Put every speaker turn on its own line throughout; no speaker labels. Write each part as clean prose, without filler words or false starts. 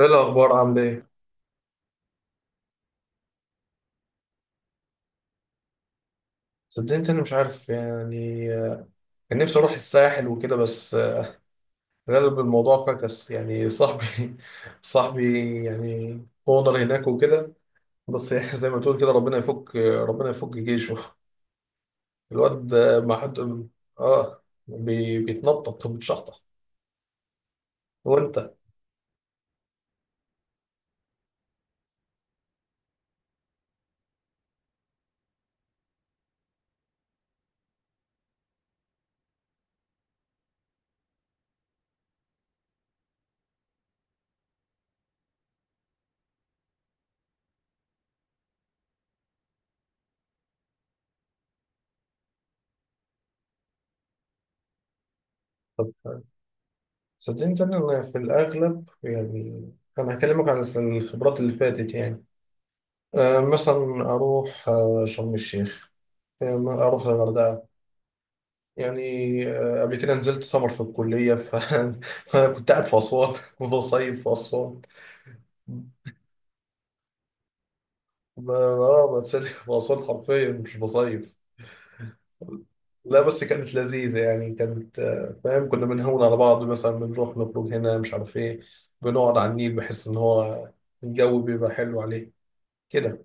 ايه الاخبار؟ عامل ايه؟ صدقني إنت، انا مش عارف يعني. كان نفسي اروح الساحل وكده بس. غالب الموضوع فكس، يعني صاحبي صاحبي يعني اونر هناك وكده. بس يعني زي ما تقول كده، ربنا يفك جيشه. الواد ما حد. اه. بيتنطط وبيتشحطط. وانت؟ طب صدقني إنت، انا في الاغلب يعني انا هكلمك عن الخبرات اللي فاتت يعني. مثلا اروح شرم الشيخ، اروح الغردقه يعني. قبل كده نزلت سمر في الكلية فكنت قاعد في أسوان وبصيف في أسوان. ما بتسلي في أسوان حرفيا، مش بصيف. لا بس كانت لذيذة، يعني كانت، فاهم، كنا بنهون على بعض، مثلا بنروح نخرج هنا مش عارف إيه، بنقعد على النيل، بحس إن هو الجو بيبقى حلو عليه كده.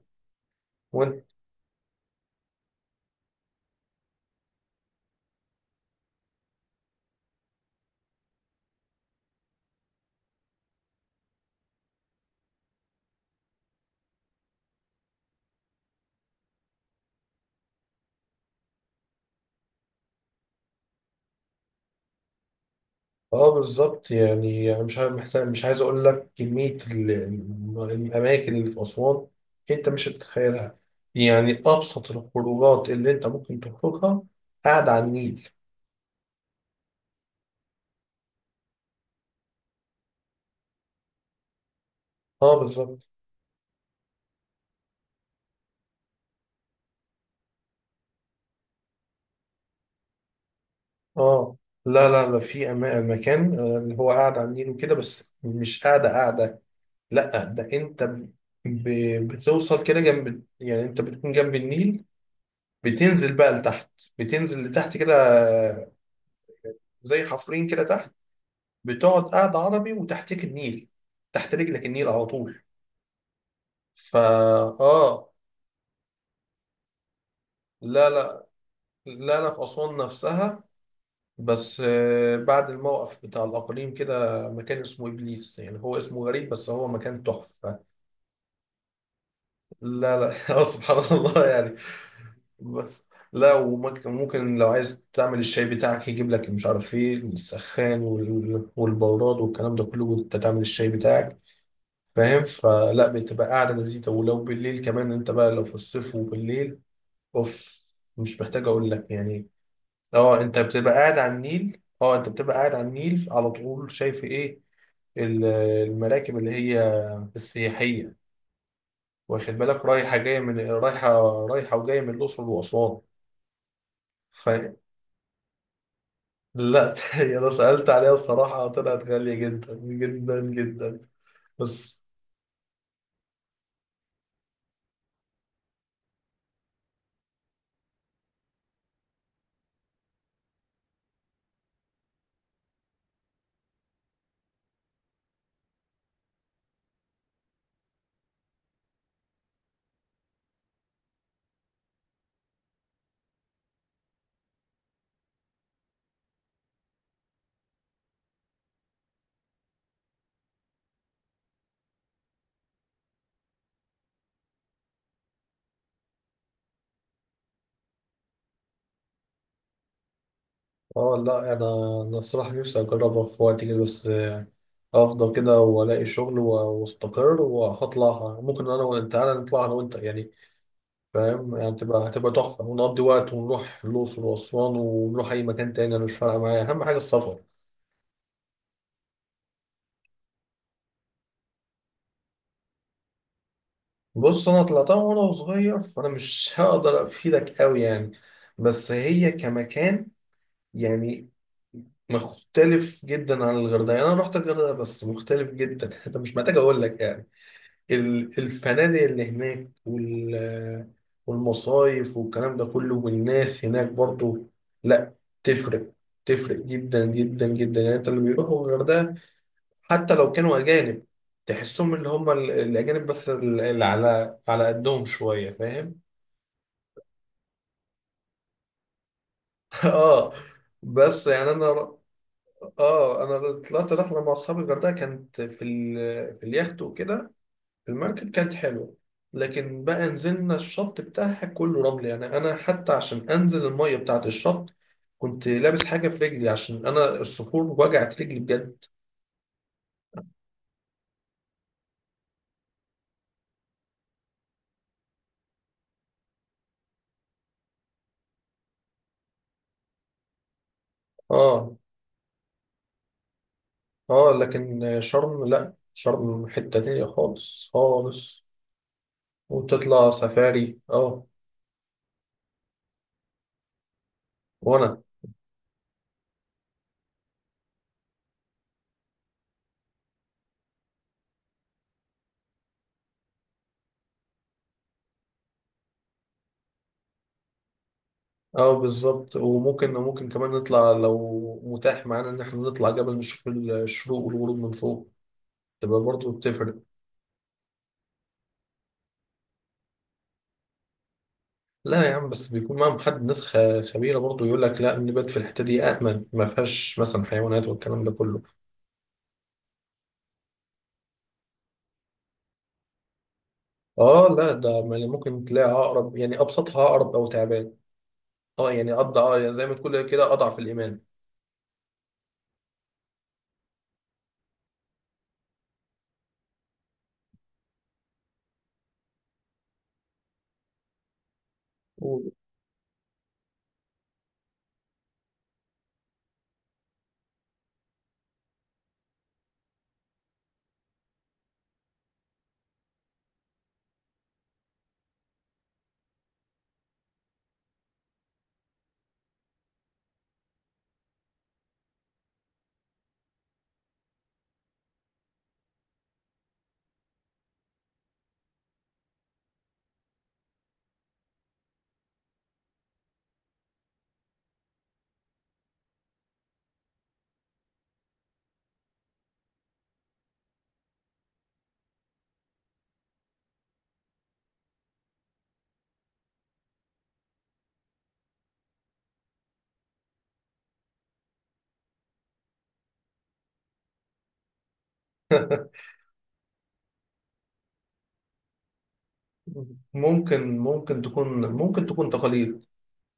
اه بالظبط. يعني انا مش عايز، محتاج، مش عايز اقول لك كميه الاماكن اللي في اسوان. انت مش هتتخيلها. يعني ابسط الخروجات اللي انت ممكن تخرجها، قاعد على النيل. اه بالظبط. اه لا لا لا، في مكان، اللي هو قاعد على النيل وكده، بس مش قاعده قاعده. لا ده انت بتوصل كده جنب، يعني انت بتكون جنب النيل. بتنزل بقى لتحت، بتنزل لتحت كده، آه، زي حفرين كده تحت. بتقعد قاعدة عربي وتحتك النيل، تحت رجلك النيل على طول. فا. آه لا لا لا لا، في أسوان نفسها. بس بعد الموقف بتاع الأقاليم كده، مكان اسمه إبليس. يعني هو اسمه غريب بس هو مكان تحفة. لا لا سبحان الله يعني. بس. لا، وممكن ممكن لو عايز تعمل الشاي بتاعك، يجيب لك مش عارف ايه السخان والبراد والكلام ده كله وانت تعمل الشاي بتاعك. فاهم؟ فلا، بتبقى قاعدة لذيذة. ولو بالليل كمان، انت بقى لو في الصيف وبالليل، اوف، مش محتاج اقول لك يعني. اه انت بتبقى قاعد على النيل، اه انت بتبقى قاعد على النيل على طول. شايف ايه؟ ال- المراكب اللي هي السياحية، واخد بالك، رايحة جاية، من رايحة رايحة وجاية من الأقصر وأسوان. فلا أنا سألت عليها، الصراحة طلعت غالية جدا جدا جدا. بس. اه لا انا الصراحه نفسي اجربها في وقت كده، بس افضل كده والاقي شغل واستقر وهطلعها. ممكن انا وانت، تعالى نطلع انا وانت يعني. فاهم؟ يعني هتبقى تحفه ونقضي وقت ونروح الاقصر واسوان ونروح اي مكان تاني. انا مش فارقه معايا، اهم حاجه السفر. بص، انا طلعتها وانا صغير، فانا مش هقدر افيدك قوي يعني. بس هي كمكان يعني مختلف جدا عن الغردقه. يعني انا رحت الغردقه بس مختلف جدا. انت مش محتاج اقول لك يعني. الفنادق اللي هناك والمصايف والكلام ده كله، والناس هناك برضو. لا، تفرق تفرق جدا جدا جدا. يعني انت اللي بيروحوا الغردقة حتى لو كانوا أجانب، تحسهم اللي هم الأجانب، بس اللي على قدهم شوية. فاهم؟ اه. بس يعني أنا اه أنا طلعت رحلة مع أصحابي الغردقة، كانت في اليخت وكده. المركب كانت حلوة، لكن بقى نزلنا الشط بتاعها كله رمل. يعني أنا حتى عشان أنزل المية بتاعت الشط كنت لابس حاجة في رجلي، عشان أنا الصخور وجعت رجلي بجد. آه لكن شرم لأ، شرم حتة تانية خالص خالص. وتطلع سفاري وأنا بالظبط. وممكن ممكن كمان نطلع لو متاح معانا إن إحنا نطلع جبل، نشوف الشروق والغروب من فوق، تبقى برضه بتفرق. لا يا عم، بس بيكون معاهم حد، ناس خبيره برضه، يقول لك لا نبات في الحته دي، امن، ما فيهاش مثلا حيوانات والكلام ده كله. اه لا ده ممكن تلاقي عقرب. يعني ابسطها عقرب او تعبان. اه يعني زي ما تقول كده اضعف الايمان. قول. ممكن، ممكن تكون تقاليد.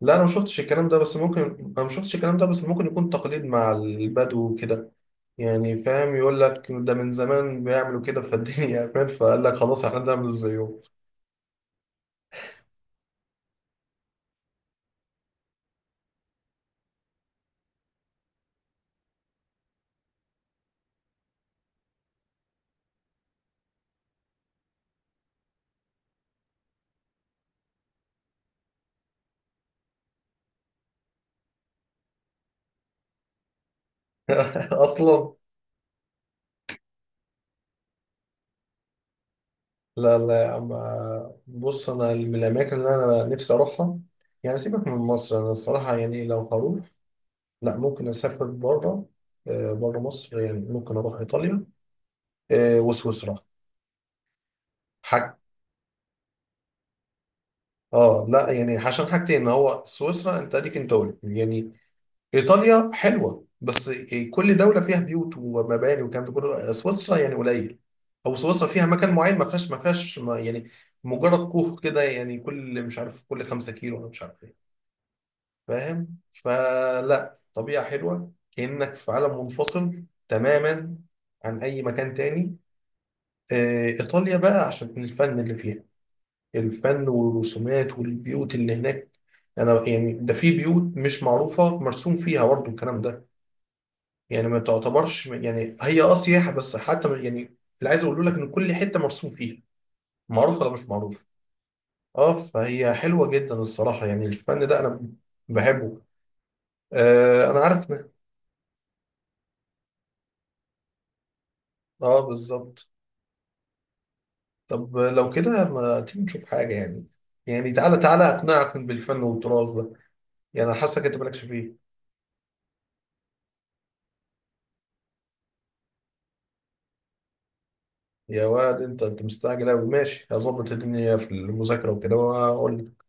لا انا ما شفتش الكلام ده، بس ممكن. انا ما شفتش الكلام ده، بس ممكن يكون تقاليد مع البدو وكده. يعني فاهم، يقول لك ده من زمان بيعملوا كده، فالدنيا امان، فقال لك خلاص احنا نعمل زيهم. اصلا. لا لا يا عم، بص انا من الاماكن اللي انا نفسي اروحها يعني. سيبك من مصر، انا الصراحه يعني لو هروح، لا ممكن اسافر بره. بره مصر يعني ممكن اروح ايطاليا، وسويسرا. حاج. اه لا يعني عشان حاجتين، ان هو سويسرا انت اديك انت قلت يعني. ايطاليا حلوه بس كل دوله فيها بيوت ومباني والكلام ده كله. سويسرا يعني قليل، او سويسرا فيها مكان معين ما فيهاش يعني مجرد كوخ كده. يعني كل 5 كيلو، انا مش عارف ايه. فاهم؟ فلا طبيعة حلوة، كأنك في عالم منفصل تماما عن أي مكان تاني. إيطاليا بقى عشان الفن اللي فيها. الفن والرسومات والبيوت اللي هناك، أنا يعني ده في بيوت مش معروفة مرسوم فيها برضه الكلام ده. يعني ما تعتبرش يعني هي سياحة بس حتى. يعني اللي عايز أقوله لك إن كل حتة مرسوم فيها، معروفة ولا مش معروفة. أه فهي حلوة جدا الصراحة، يعني الفن ده أنا بحبه. آه أنا عارف ده. أه بالظبط. طب لو كده ما تيجي نشوف حاجة يعني. يعني تعالى تعالى أقنعك بالفن والتراث ده، يعني أنا حاسك أنت مالكش فيه. يا واد أنت مستعجل أوي. ماشي، هظبط الدنيا في المذاكرة وكده وأقول لك.